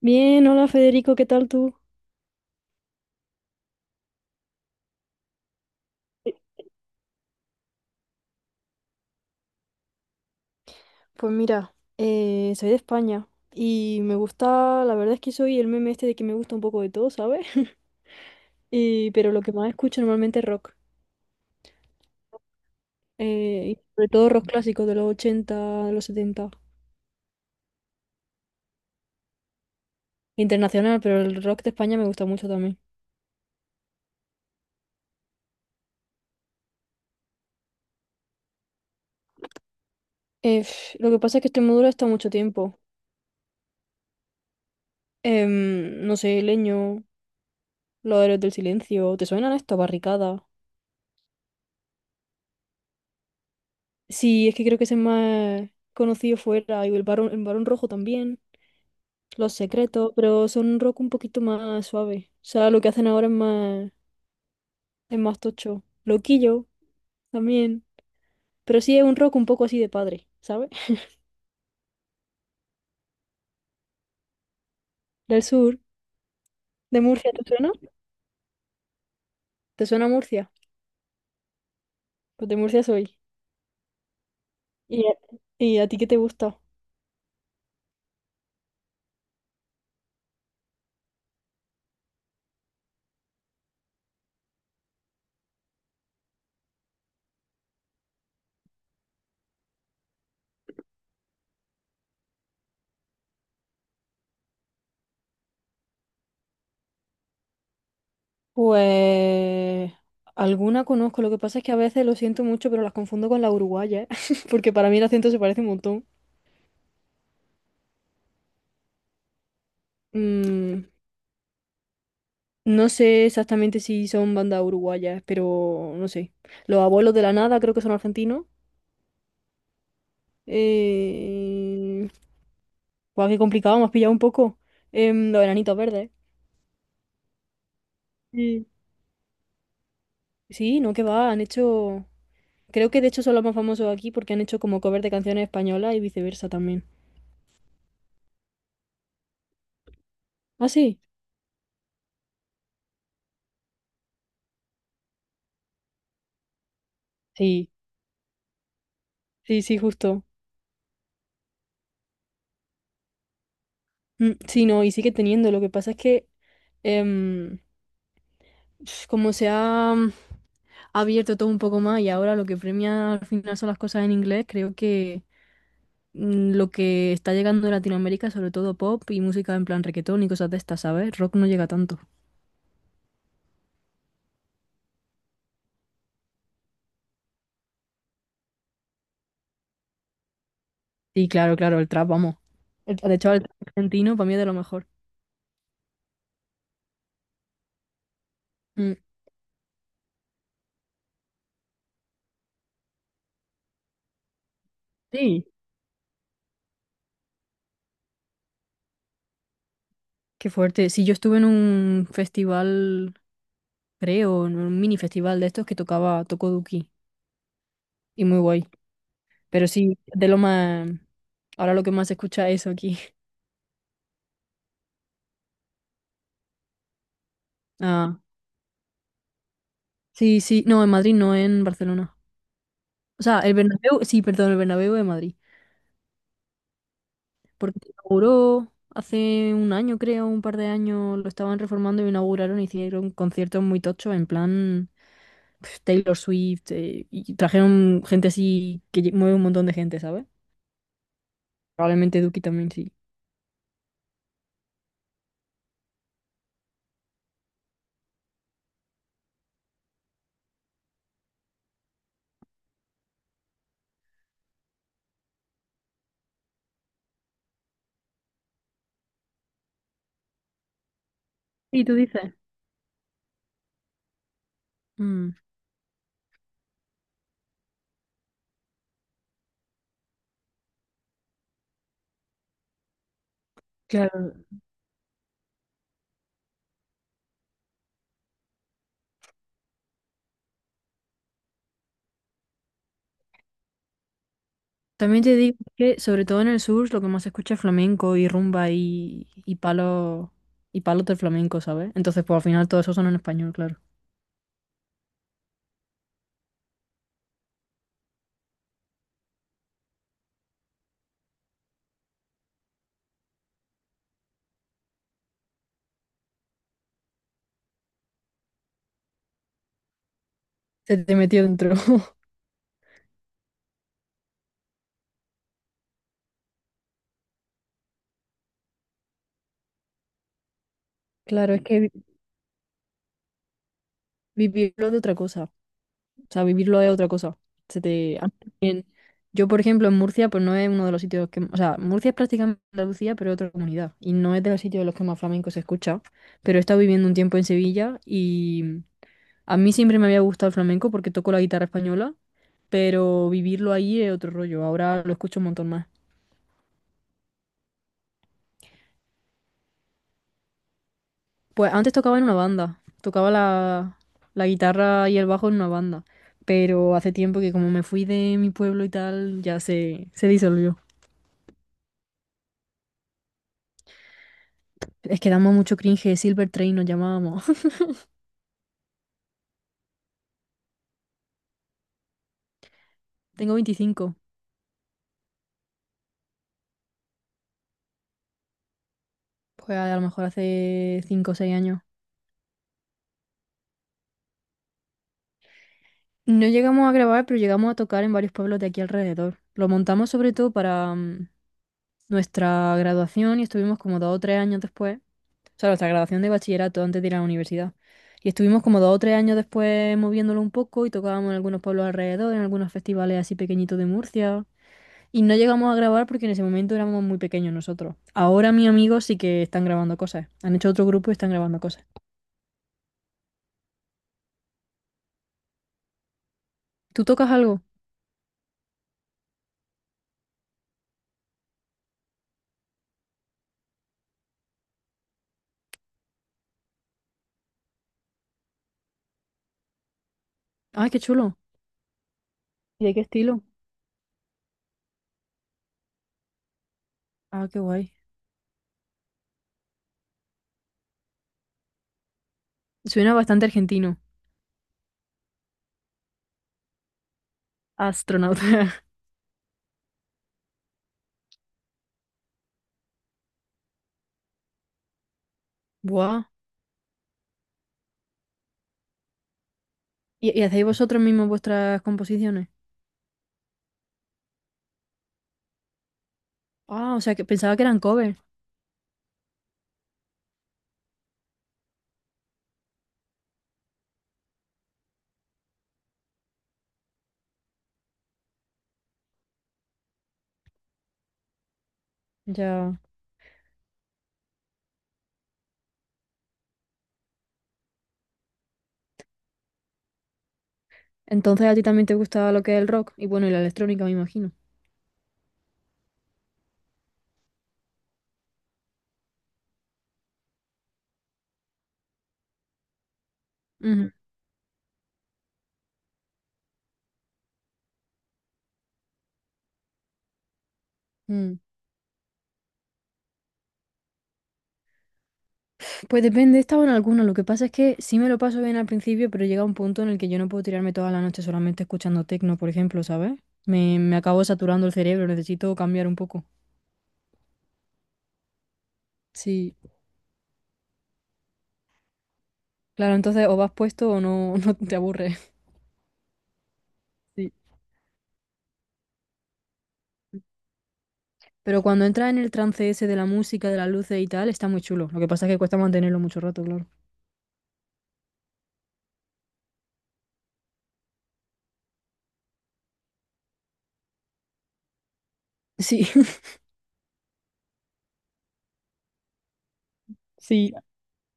Bien, hola Federico, ¿qué tal tú? Pues mira, soy de España y me gusta, la verdad es que soy el meme este de que me gusta un poco de todo, ¿sabes? Pero lo que más escucho normalmente es rock, y sobre todo rock clásico de los 80, de los 70, internacional, pero el rock de España me gusta mucho también. Lo que pasa es que Extremadura está mucho tiempo. No sé, Leño, Los Héroes del Silencio, ¿te suenan esto? Barricada. Sí, es que creo que ese es más conocido fuera. Y el Barón Rojo también. Los Secretos, pero son un rock un poquito más suave. O sea, lo que hacen ahora es más tocho. Loquillo también. Pero sí es un rock un poco así de padre, ¿sabes? Del sur, de Murcia, ¿te suena? ¿Te suena Murcia? Pues de Murcia soy. ¿Y a, y a ti qué te gusta? Pues alguna conozco, lo que pasa es que a veces lo siento mucho, pero las confundo con la uruguaya, porque para mí el acento se parece un montón. Mm, no sé exactamente si son bandas uruguayas, pero no sé. Los abuelos de la nada creo que son argentinos. Eh... Guau, qué complicado, me has pillado un poco. Los enanitos verdes. Sí. Sí, no, que va, han hecho... Creo que de hecho son los más famosos aquí porque han hecho como cover de canciones españolas y viceversa también. ¿Ah, sí? Sí, sí, sí, justo. Mm, sí, no, y sigue teniendo. Lo que pasa es que... em, como se ha abierto todo un poco más y ahora lo que premia al final son las cosas en inglés, creo que lo que está llegando a Latinoamérica, sobre todo pop y música en plan reggaetón y cosas de estas, ¿sabes? Rock no llega tanto. Y claro, claro, el trap, vamos. De hecho, el trap argentino para mí es de lo mejor. Mm, sí, qué fuerte. Sí, yo estuve en un festival, creo, en un mini festival de estos que tocaba, tocó Duki y muy guay. Pero sí, de lo más... Ahora lo que más se escucha es eso aquí. Sí, sí, no, en Madrid, no en Barcelona. O sea, el Bernabéu, sí, perdón, el Bernabéu de Madrid. Porque se inauguró hace un año, creo, un par de años, lo estaban reformando y inauguraron, hicieron conciertos muy tochos, en plan Taylor Swift, y trajeron gente así que mueve un montón de gente, ¿sabes? Probablemente Duki también sí. Sí, tú dices. Mm, claro. También te digo que, sobre todo en el sur, lo que más se escucha es flamenco y rumba y palos y palos del flamenco, ¿sabes? Entonces, pues al final todo eso son en español, claro. Se te metió dentro. Claro, es que vivirlo de otra cosa. O sea, vivirlo es otra cosa. Se te... a- Yo, por ejemplo, en Murcia, pues no es uno de los sitios que... O sea, Murcia es prácticamente Andalucía, pero es otra comunidad. Y no es de los sitios de los que más flamenco se escucha. Pero he estado viviendo un tiempo en Sevilla y a mí siempre me había gustado el flamenco porque toco la guitarra española, pero vivirlo ahí es otro rollo. Ahora lo escucho un montón más. Pues antes tocaba en una banda, tocaba la guitarra y el bajo en una banda, pero hace tiempo que como me fui de mi pueblo y tal, ya se disolvió. Es que damos mucho cringe, Silver Train nos llamábamos. Tengo 25, pues a lo mejor hace 5 o 6 años. No llegamos a grabar, pero llegamos a tocar en varios pueblos de aquí alrededor. Lo montamos sobre todo para nuestra graduación y estuvimos como 2 o 3 años después. O sea, nuestra graduación de bachillerato antes de ir a la universidad. Y estuvimos como dos o tres años después moviéndolo un poco y tocábamos en algunos pueblos alrededor, en algunos festivales así pequeñitos de Murcia. Y no llegamos a grabar porque en ese momento éramos muy pequeños nosotros. Ahora mis amigos sí que están grabando cosas. Han hecho otro grupo y están grabando cosas. ¿Tú tocas algo? ¡Ay, qué chulo! ¿Y de qué estilo? Ah, qué guay. Suena bastante argentino. Astronauta. Buah. Y hacéis vosotros mismos vuestras composiciones? Ah, o sea, que pensaba que eran covers. Ya. Entonces a ti también te gusta lo que es el rock y bueno, y la electrónica, me imagino. Ujú. Mm. Pues depende, he estado en alguno. Lo que pasa es que sí me lo paso bien al principio, pero llega un punto en el que yo no puedo tirarme toda la noche solamente escuchando techno, por ejemplo, ¿sabes? Me acabo saturando el cerebro, necesito cambiar un poco. Sí, claro, entonces o vas puesto o no, no te aburres. Sí. Pero cuando entras en el trance ese de la música, de las luces y tal, está muy chulo. Lo que pasa es que cuesta mantenerlo mucho rato, claro. Sí, sí.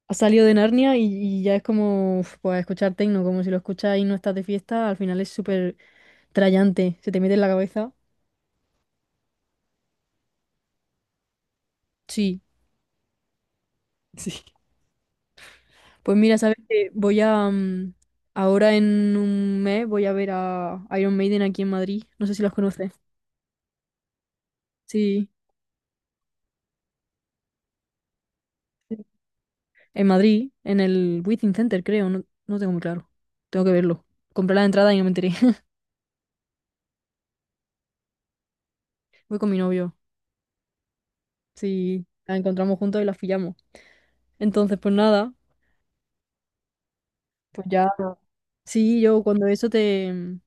Has salido de Narnia y ya es como uf, pues, escuchar techno, como si lo escuchas y no estás de fiesta, al final es súper trallante, se te mete en la cabeza. Sí, sí. Pues mira, sabes que ahora en un mes voy a ver a Iron Maiden aquí en Madrid. No sé si los conoces. Sí. En Madrid, en el Within Center, creo, no, no tengo muy claro. Tengo que verlo. Compré la entrada y no me enteré. Voy con mi novio. Sí, la encontramos juntos y la pillamos. Entonces, pues nada, pues ya. Sí, yo cuando eso te,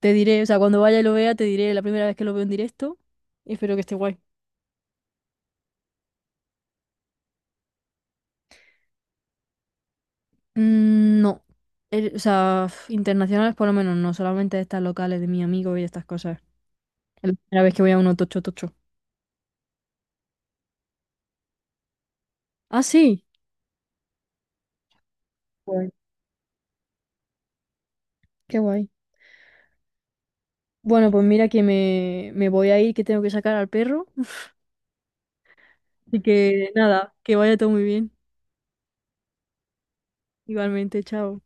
te diré, o sea, cuando vaya y lo vea, te diré la primera vez que lo veo en directo. Y espero que esté guay. Mm, no. O sea, internacionales por lo menos, no, solamente estas locales de mi amigo y estas cosas. Es la primera vez que voy a uno tocho tocho. Ah, sí. Guay. Qué guay. Bueno, pues mira que me voy a ir, que tengo que sacar al perro. Así que nada, que vaya todo muy bien. Igualmente, chao.